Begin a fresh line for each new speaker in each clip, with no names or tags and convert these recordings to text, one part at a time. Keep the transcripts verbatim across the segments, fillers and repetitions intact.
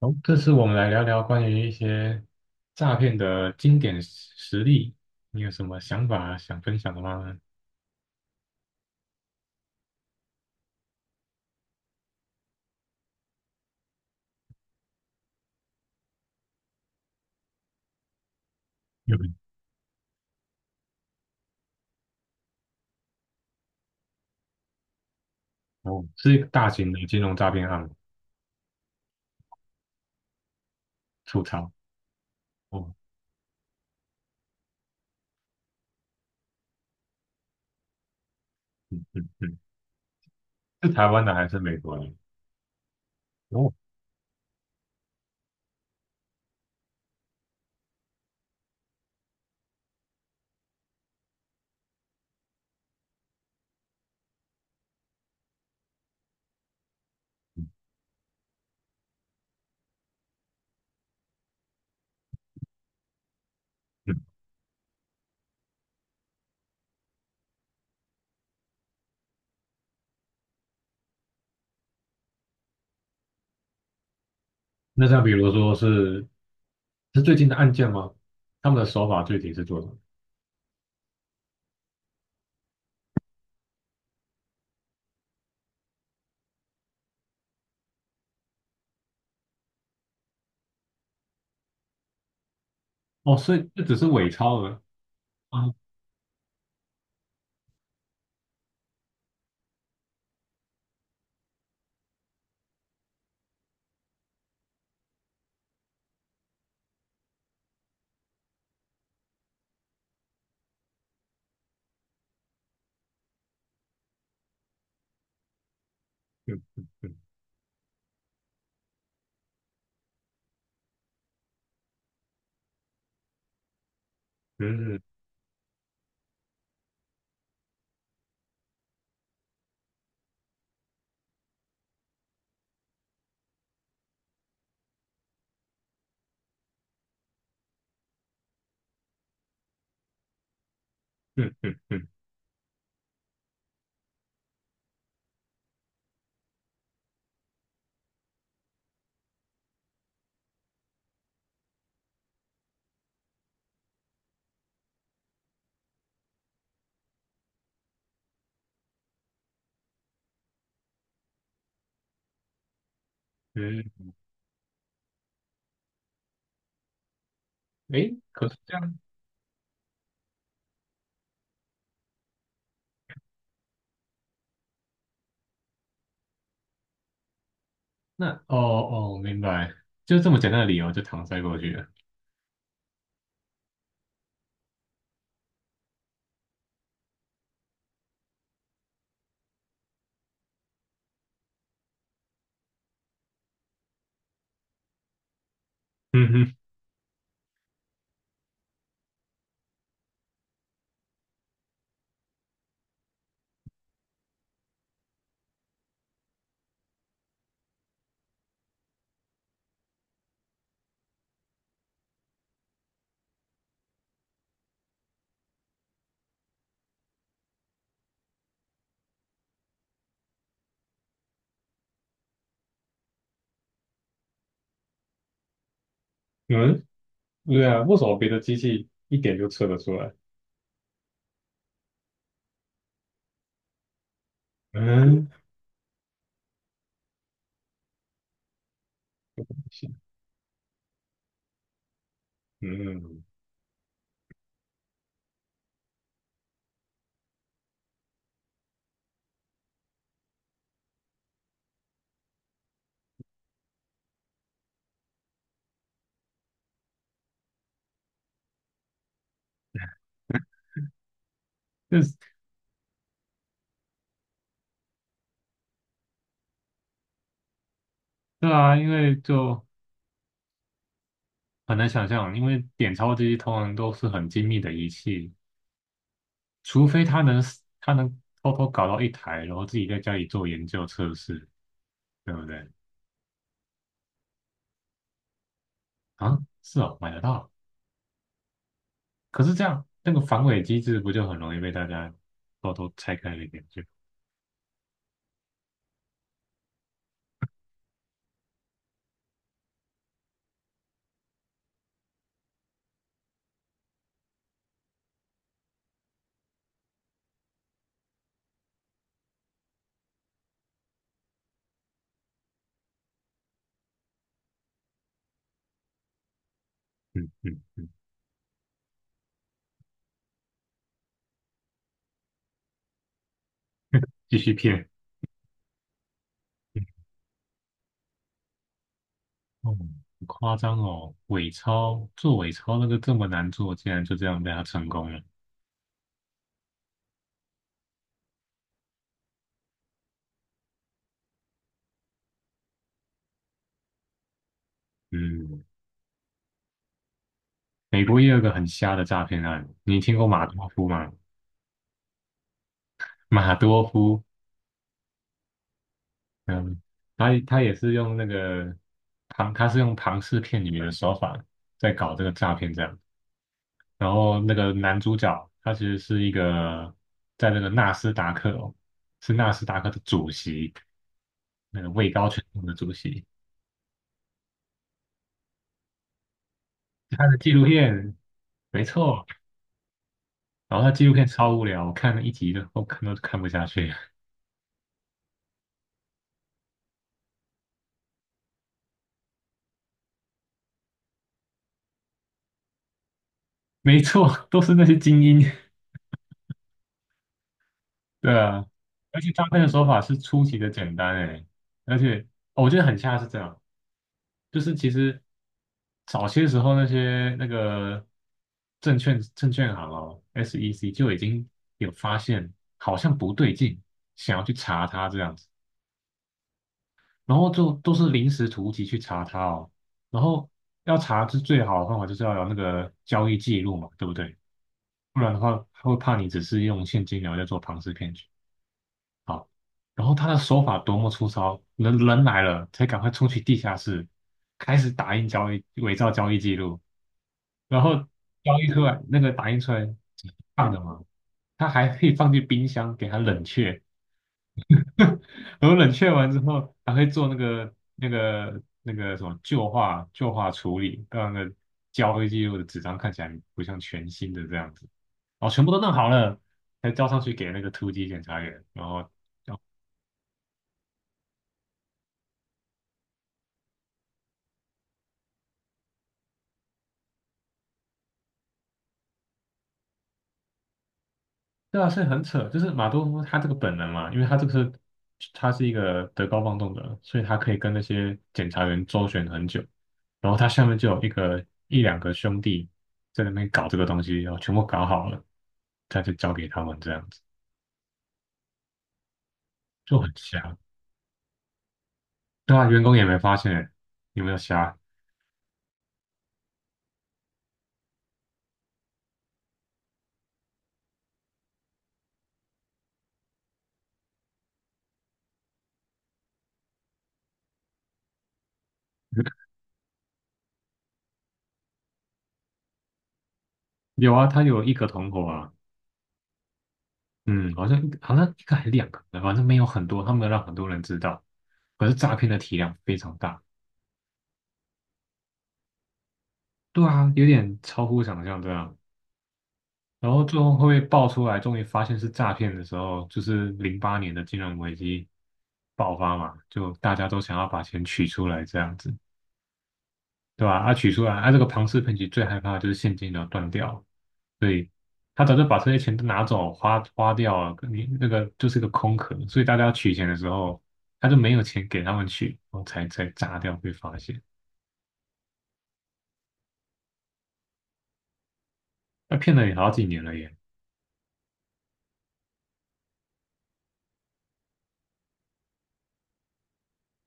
好，这次我们来聊聊关于一些诈骗的经典实实例，你有什么想法想分享的吗？有哦，是一个大型的金融诈骗案，出逃哦，嗯嗯嗯，是台湾的还是美国的？哦，嗯，那像比如说是是最近的案件吗？他们的手法具体是做什么？哦，所以这只是伪钞额啊，嗯嗯嗯嗯嗯嗯嗯嗯，哎，可是这样。那哦哦，明白，就这么简单的理由就搪塞过去了。嗯哼，嗯，对啊，为什么别的机器一点就测得出来？嗯嗯，就是对啊，因为就很难想象，因为点钞机通常都是很精密的仪器，除非他能他能偷偷搞到一台，然后自己在家里做研究测试，对不对？啊，是哦，买得到。可是这样那个防伪机制不就很容易被大家偷偷拆开了一点？就嗯嗯，继续骗。哦，好夸张哦！伪钞做伪钞那个这么难做，竟然就这样被他成功了。嗯，美国也有个很瞎的诈骗案，你听过马多夫吗？马多夫，嗯，他他也是用那个庞，他是用庞氏骗女的手法在搞这个诈骗，这样。然后那个男主角他其实是一个在那个纳斯达克哦，是纳斯达克的主席，那个位高权重的主席。他的纪录片，没错，然后他纪录片超无聊，我看了一集就我看都看不下去。没错，都是那些精英。对啊，而且诈骗的手法是出奇的简单诶，而且、哦我觉得很像是这样，就是其实早些时候那些那个证券证券行哦，S E C 就已经有发现好像不对劲，想要去查他这样子，然后就都是临时突击去查他哦，然后要查是最好的方法就是要有那个交易记录嘛，对不对？不然的话，他会怕你只是用现金流在做庞氏骗局。然后他的手法多么粗糙，人人来了才赶快冲去地下室，开始打印交易，伪造交易记录，然后交易出来那个打印出来放的嘛，他还可以放进冰箱给它冷却，然后冷却完之后，还会做那个那个那个什么旧化旧化处理，让那个交易记录的纸张看起来不像全新的这样子。哦，全部都弄好了，才交上去给那个突击检查员。然后，对啊，所以很扯，就是马多夫他这个本能嘛，因为他这个是他是一个德高望重的人所以他可以跟那些检查员周旋很久。然后他下面就有一个一两个兄弟在那边搞这个东西，然后全部搞好了，他就交给他们这样子。就很瞎。对啊，员工也没发现欸，有没有瞎？有啊，他有一个同伙啊，嗯，好像一个好像一个还两个，反正没有很多，他没有让很多人知道。可是诈骗的体量非常大，对啊，有点超乎想象，这样。然后最后会被爆出来，终于发现是诈骗的时候，就是零八年的金融危机爆发嘛，就大家都想要把钱取出来这样子，对吧？啊，取出来，啊，这个庞氏骗局最害怕的就是现金流断掉，对，他早就把这些钱都拿走花花掉了，你那个就是个空壳，所以大家要取钱的时候，他就没有钱给他们取，然后才才炸掉被发现。他骗了你好几年了耶！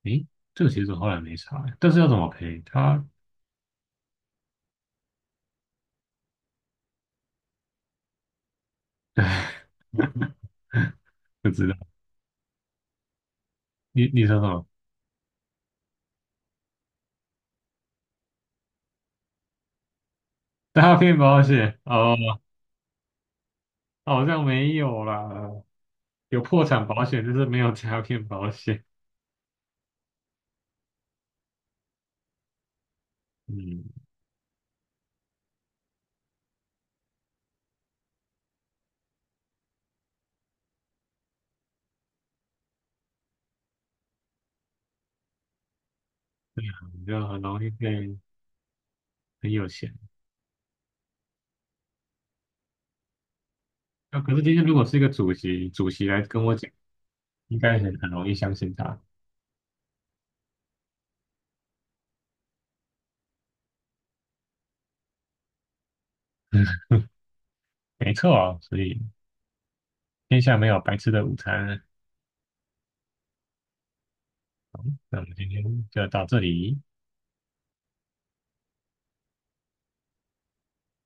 诶，这个其实我后来没查，但是要怎么赔他 不知道。你你说什么？诈骗保险？哦，好像没有啦，有破产保险，但是没有诈骗保险。嗯，你就很容易被很有钱。那、可是今天如果是一个主席，主席来跟我讲。应该很很容易相信他。没错，所以天下没有白吃的午餐。那我们今天就到这里。